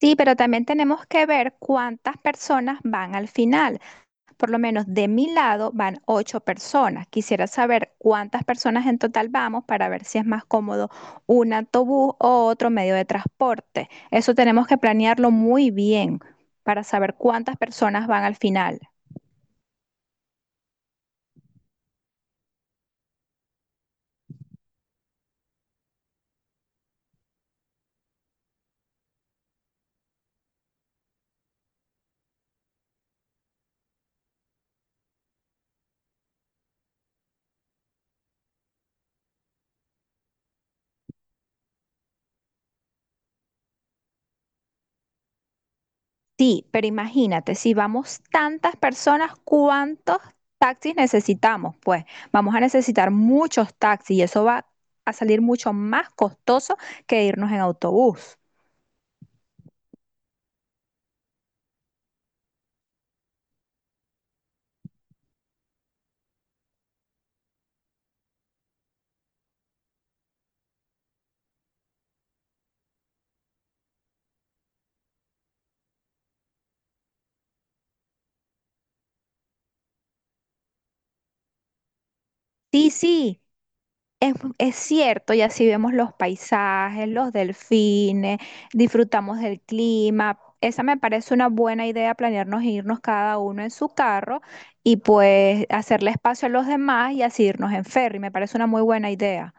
Sí, pero también tenemos que ver cuántas personas van al final. Por lo menos de mi lado van ocho personas. Quisiera saber cuántas personas en total vamos para ver si es más cómodo un autobús o otro medio de transporte. Eso tenemos que planearlo muy bien para saber cuántas personas van al final. Sí, pero imagínate, si vamos tantas personas, ¿cuántos taxis necesitamos? Pues vamos a necesitar muchos taxis y eso va a salir mucho más costoso que irnos en autobús. Sí, sí, es cierto, y así vemos los paisajes, los delfines, disfrutamos del clima. Esa me parece una buena idea, planearnos irnos cada uno en su carro y pues hacerle espacio a los demás y así irnos en ferry. Me parece una muy buena idea.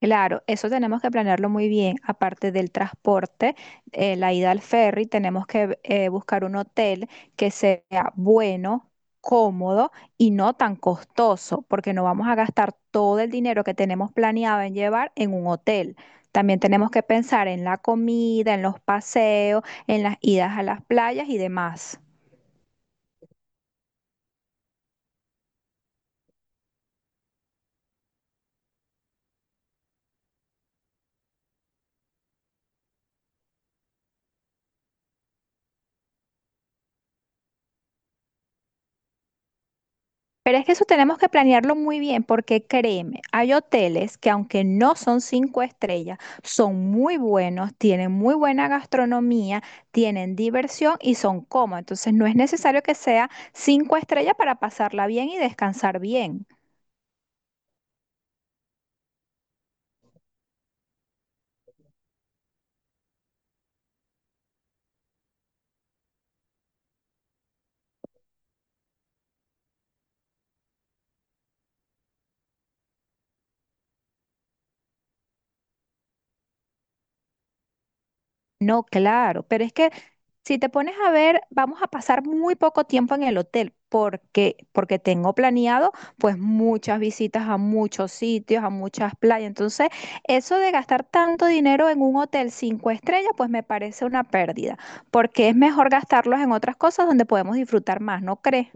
Claro, eso tenemos que planearlo muy bien. Aparte del transporte, la ida al ferry, tenemos que buscar un hotel que sea bueno, cómodo y no tan costoso, porque no vamos a gastar todo el dinero que tenemos planeado en llevar en un hotel. También tenemos que pensar en la comida, en los paseos, en las idas a las playas y demás. Pero es que eso tenemos que planearlo muy bien porque créeme, hay hoteles que aunque no son cinco estrellas, son muy buenos, tienen muy buena gastronomía, tienen diversión y son cómodos. Entonces no es necesario que sea cinco estrellas para pasarla bien y descansar bien. No, claro, pero es que si te pones a ver, vamos a pasar muy poco tiempo en el hotel porque tengo planeado pues muchas visitas a muchos sitios, a muchas playas. Entonces, eso de gastar tanto dinero en un hotel cinco estrellas, pues me parece una pérdida, porque es mejor gastarlos en otras cosas donde podemos disfrutar más, ¿no crees?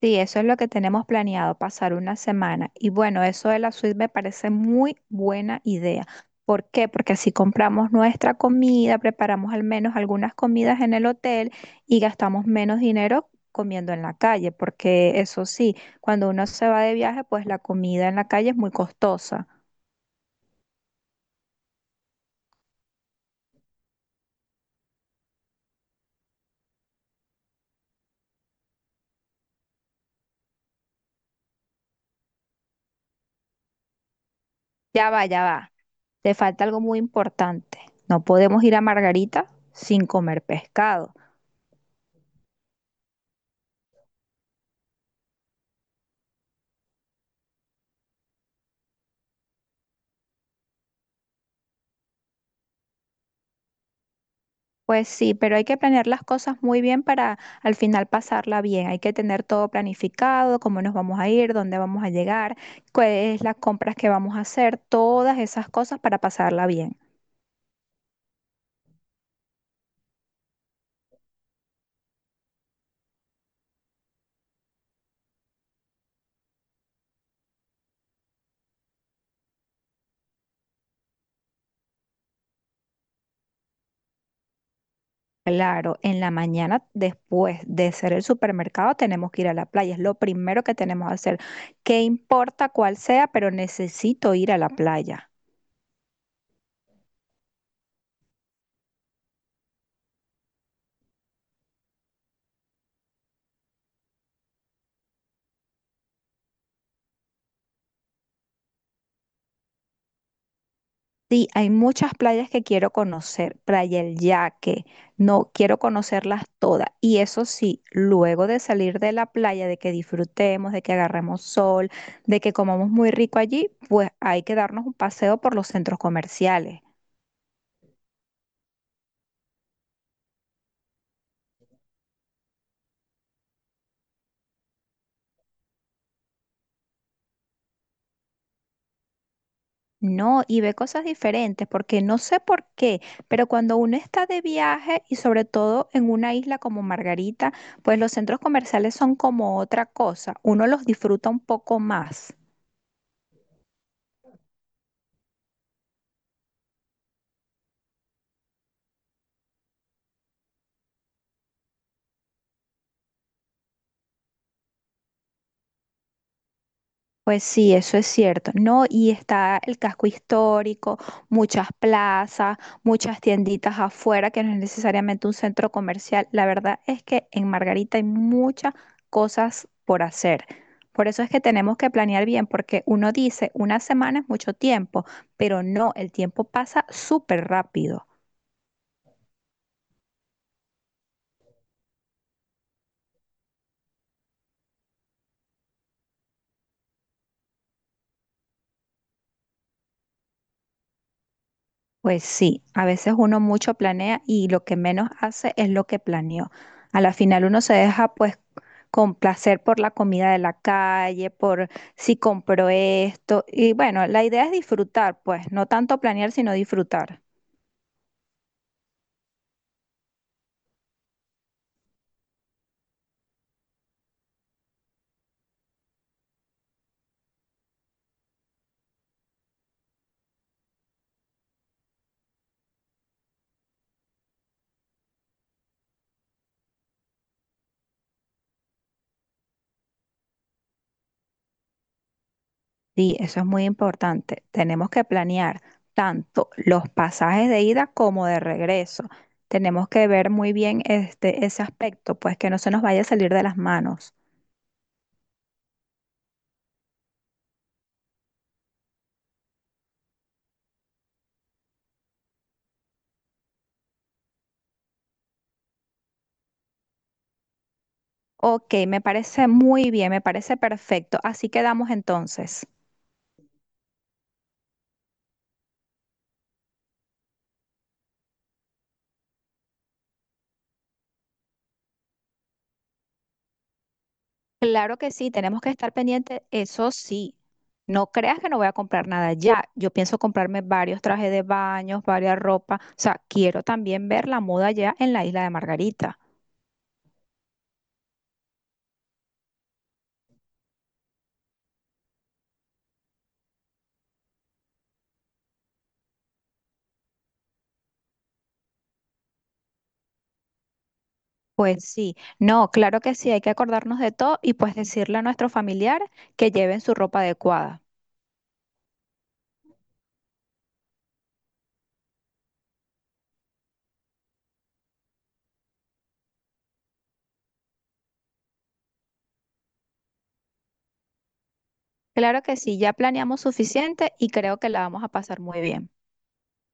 Sí, eso es lo que tenemos planeado, pasar una semana. Y bueno, eso de la suite me parece muy buena idea. ¿Por qué? Porque así compramos nuestra comida, preparamos al menos algunas comidas en el hotel y gastamos menos dinero comiendo en la calle, porque eso sí, cuando uno se va de viaje, pues la comida en la calle es muy costosa. Ya va, ya va. Te falta algo muy importante. No podemos ir a Margarita sin comer pescado. Pues sí, pero hay que planear las cosas muy bien para al final pasarla bien. Hay que tener todo planificado, cómo nos vamos a ir, dónde vamos a llegar, cuáles las compras que vamos a hacer, todas esas cosas para pasarla bien. Claro, en la mañana después de hacer el supermercado tenemos que ir a la playa, es lo primero que tenemos que hacer. ¿Qué importa cuál sea? Pero necesito ir a la playa. Sí, hay muchas playas que quiero conocer, Playa El Yaque, no quiero conocerlas todas. Y eso sí, luego de salir de la playa, de que disfrutemos, de que agarremos sol, de que comamos muy rico allí, pues hay que darnos un paseo por los centros comerciales. No, y ve cosas diferentes, porque no sé por qué, pero cuando uno está de viaje y sobre todo en una isla como Margarita, pues los centros comerciales son como otra cosa, uno los disfruta un poco más. Pues sí, eso es cierto, ¿no? Y está el casco histórico, muchas plazas, muchas tienditas afuera, que no es necesariamente un centro comercial. La verdad es que en Margarita hay muchas cosas por hacer. Por eso es que tenemos que planear bien, porque uno dice, una semana es mucho tiempo, pero no, el tiempo pasa súper rápido. Pues sí, a veces uno mucho planea y lo que menos hace es lo que planeó. A la final uno se deja pues complacer por la comida de la calle, por si compró esto. Y bueno, la idea es disfrutar, pues, no tanto planear, sino disfrutar. Sí, eso es muy importante. Tenemos que planear tanto los pasajes de ida como de regreso. Tenemos que ver muy bien ese aspecto, pues que no se nos vaya a salir de las manos. Ok, me parece muy bien, me parece perfecto. Así quedamos entonces. Claro que sí, tenemos que estar pendientes, eso sí. No creas que no voy a comprar nada ya. Yo pienso comprarme varios trajes de baños, varias ropas. O sea, quiero también ver la moda ya en la isla de Margarita. Pues sí, no, claro que sí, hay que acordarnos de todo y pues decirle a nuestros familiares que lleven su ropa adecuada. Claro que sí, ya planeamos suficiente y creo que la vamos a pasar muy bien.